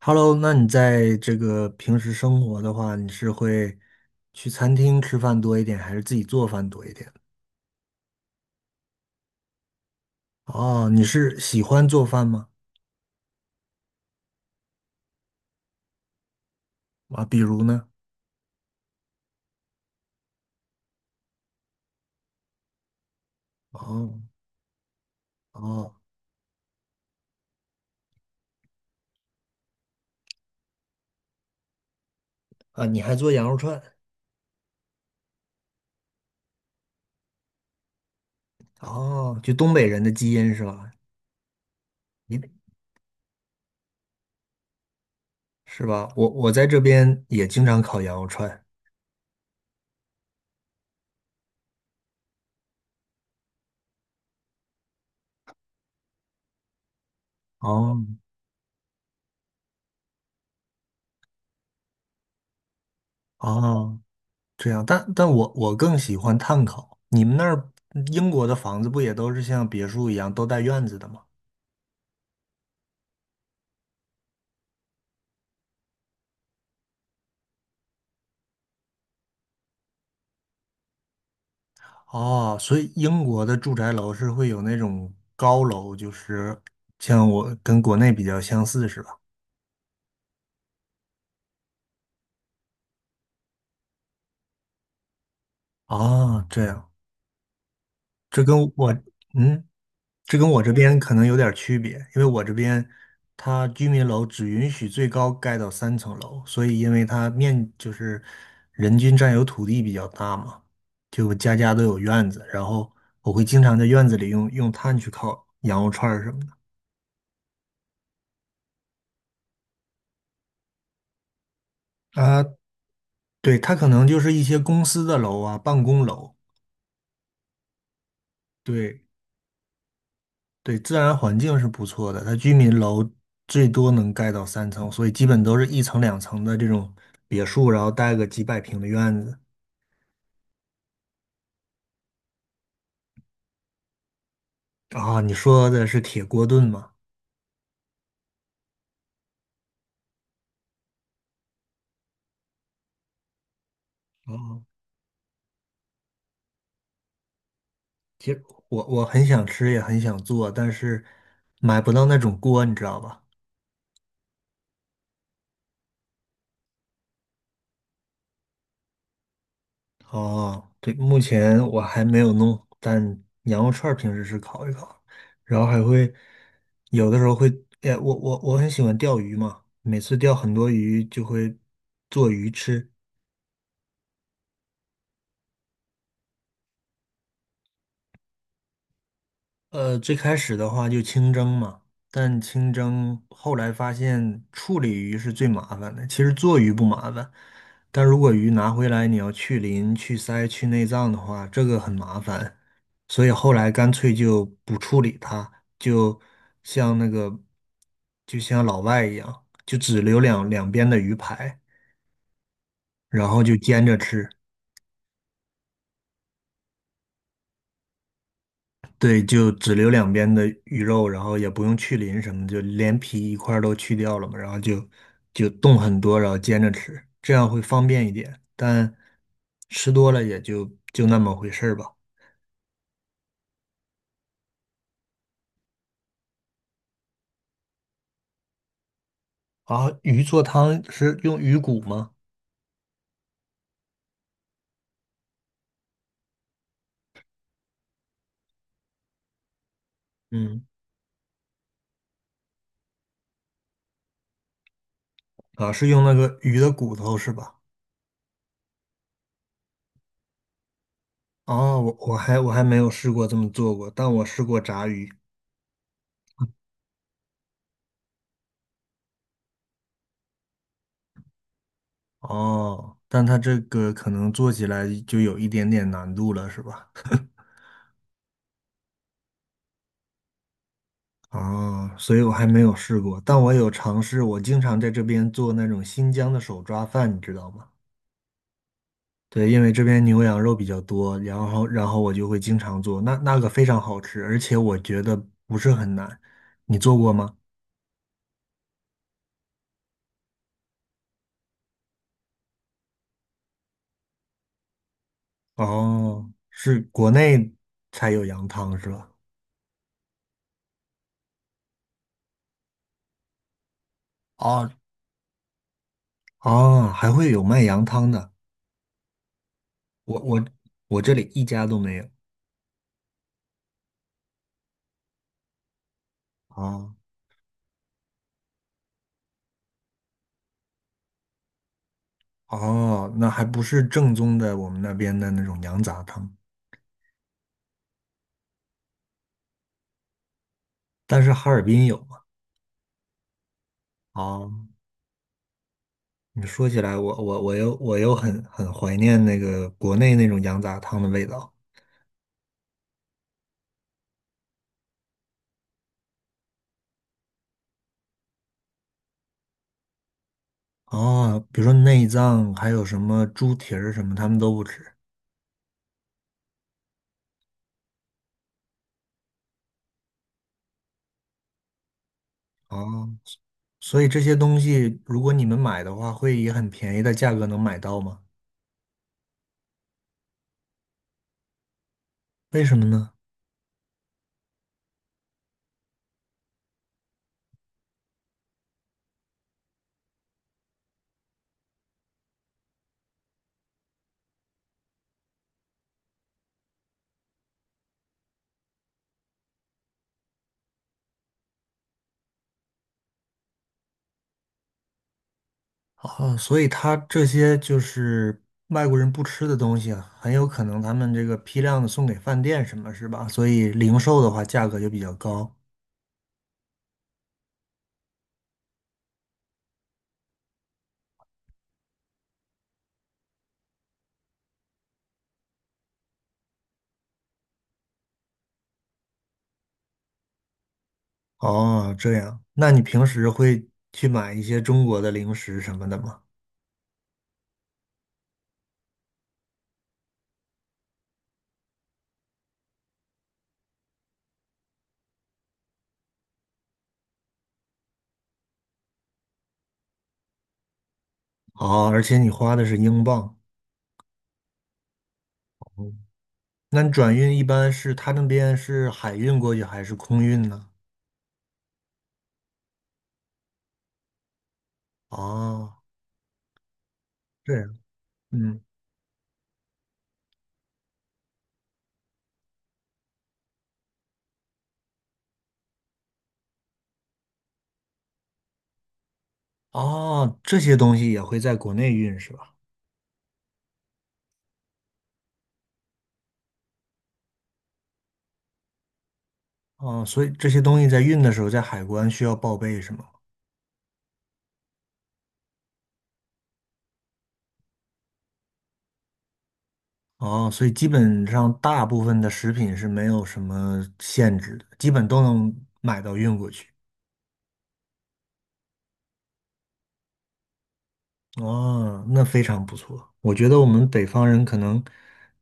Hello,那你在这个平时生活的话，你是会去餐厅吃饭多一点，还是自己做饭多一点？哦，你是喜欢做饭吗？啊，比如呢？哦。哦。啊，你还做羊肉串？哦，就东北人的基因是吧？你是吧？我在这边也经常烤羊肉串。哦。哦，这样，但我更喜欢炭烤。你们那儿英国的房子不也都是像别墅一样都带院子的吗？哦，所以英国的住宅楼是会有那种高楼，就是像我跟国内比较相似，是吧？哦，这样，这跟我，嗯，这跟我这边可能有点儿区别，因为我这边它居民楼只允许最高盖到三层楼，所以因为它面就是人均占有土地比较大嘛，就家家都有院子，然后我会经常在院子里用炭去烤羊肉串儿什么的。啊，对，它可能就是一些公司的楼啊，办公楼。对。对，自然环境是不错的，它居民楼最多能盖到三层，所以基本都是一层两层的这种别墅，然后带个几百平的院子。啊，你说的是铁锅炖吗？哦，其实我很想吃，也很想做，但是买不到那种锅，你知道吧？哦，对，目前我还没有弄，但羊肉串儿平时是烤一烤，然后还会有的时候会，哎，我很喜欢钓鱼嘛，每次钓很多鱼就会做鱼吃。最开始的话就清蒸嘛，但清蒸后来发现处理鱼是最麻烦的。其实做鱼不麻烦，但如果鱼拿回来你要去鳞、去鳃、去内脏的话，这个很麻烦。所以后来干脆就不处理它，就像那个就像老外一样，就只留两边的鱼排，然后就煎着吃。对，就只留两边的鱼肉，然后也不用去鳞什么，就连皮一块儿都去掉了嘛，然后就冻很多，然后煎着吃，这样会方便一点。但吃多了也就就那么回事儿吧。啊，鱼做汤是用鱼骨吗？嗯。啊，是用那个鱼的骨头是吧？哦，我还没有试过这么做过，但我试过炸鱼。哦，但它这个可能做起来就有一点点难度了，是吧？哦，所以我还没有试过，但我有尝试。我经常在这边做那种新疆的手抓饭，你知道吗？对，因为这边牛羊肉比较多，然后我就会经常做，那那个非常好吃，而且我觉得不是很难。你做过吗？哦，是国内才有羊汤是吧？哦。哦，还会有卖羊汤的，我我我这里一家都没有。啊。哦，那还不是正宗的我们那边的那种羊杂汤，但是哈尔滨有嘛？啊，你说起来，我又很怀念那个国内那种羊杂汤的味道。哦，比如说内脏，还有什么猪蹄儿什么，他们都不吃。哦。所以这些东西，如果你们买的话，会以很便宜的价格能买到吗？为什么呢？哦，所以他这些就是外国人不吃的东西啊，很有可能他们这个批量的送给饭店什么，是吧？所以零售的话价格就比较高。哦，这样，那你平时会去买一些中国的零食什么的吗？哦，而且你花的是英镑。嗯，那你转运一般是他那边是海运过去还是空运呢？哦，这样，嗯。哦，这些东西也会在国内运是吧？哦，所以这些东西在运的时候，在海关需要报备是吗？哦，所以基本上大部分的食品是没有什么限制的，基本都能买到运过去。哦，那非常不错。我觉得我们北方人可能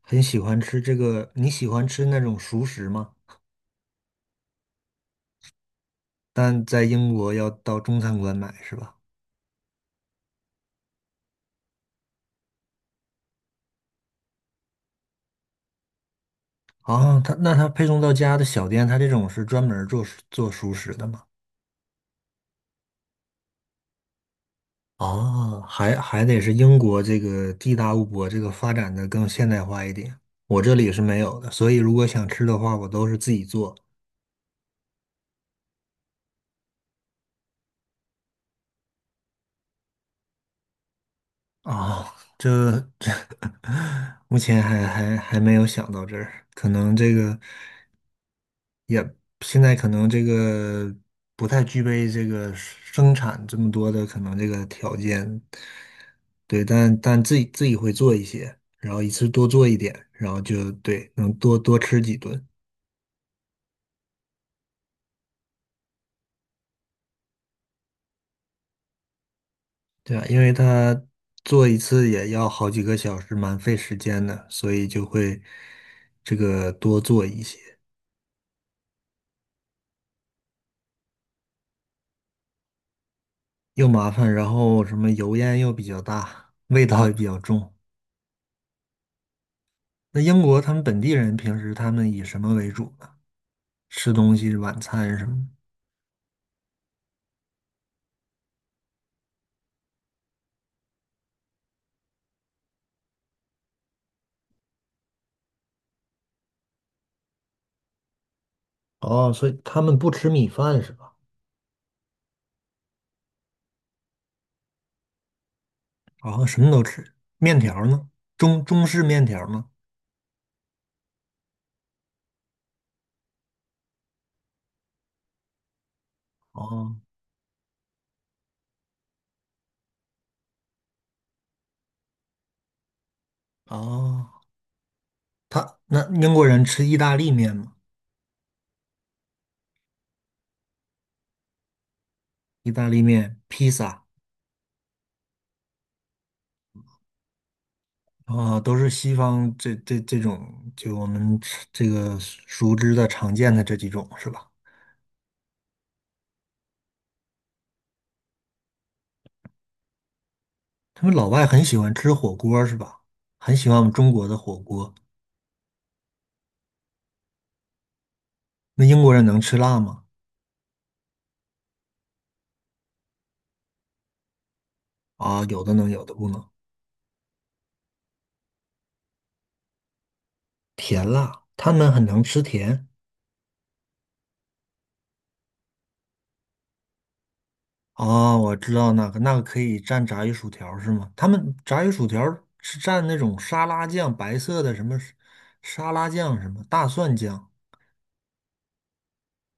很喜欢吃这个，你喜欢吃那种熟食吗？但在英国要到中餐馆买是吧？啊，它那它配送到家的小店，它这种是专门儿做熟做熟食的吗？哦，还还得是英国这个地大物博，这个发展的更现代化一点。我这里是没有的，所以如果想吃的话，我都是自己做。啊，这这 目前还还还没有想到这儿，可能这个现在可能这个不太具备这个生产这么多的可能这个条件，对，但但自己会做一些，然后一次多做一点，然后就对，能多多吃几顿。对啊，因为他做一次也要好几个小时，蛮费时间的，所以就会这个多做一些，又麻烦，然后什么油烟又比较大，味道也比较重。那英国他们本地人平时他们以什么为主呢？吃东西，晚餐什么的？哦，所以他们不吃米饭是吧？哦，什么都吃，面条呢？中式面条吗？哦。哦，他那英国人吃意大利面吗？意大利面、披萨。啊，都是西方这种，就我们吃这个熟知的、常见的这几种是吧？他们老外很喜欢吃火锅是吧？很喜欢我们中国的火锅。那英国人能吃辣吗？啊，有的能，有的不能。甜辣，他们很能吃甜。啊，我知道那个，那个可以蘸炸鱼薯条是吗？他们炸鱼薯条是蘸那种沙拉酱，白色的什么沙拉酱，什么大蒜酱。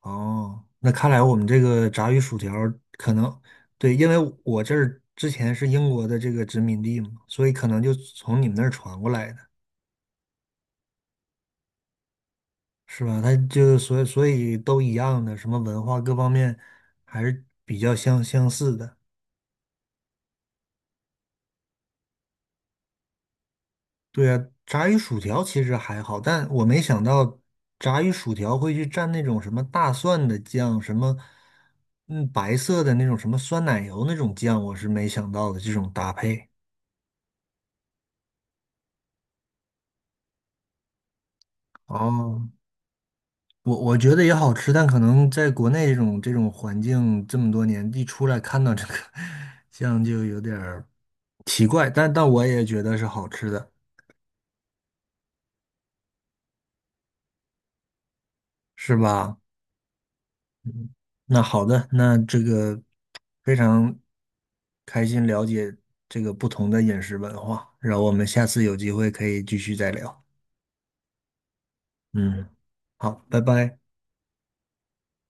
哦，那看来我们这个炸鱼薯条儿可能对，因为我这儿之前是英国的这个殖民地嘛，所以可能就从你们那儿传过来的，是吧？它就所以都一样的，什么文化各方面还是比较相似的。对啊，炸鱼薯条其实还好，但我没想到炸鱼薯条会去蘸那种什么大蒜的酱，什么嗯白色的那种什么酸奶油那种酱，我是没想到的这种搭配。哦，我我觉得也好吃，但可能在国内这种环境这么多年，一出来看到这个，像就有点儿奇怪。但但我也觉得是好吃的，是吧？那好的，那这个非常开心了解这个不同的饮食文化，然后我们下次有机会可以继续再聊。嗯，好，拜拜。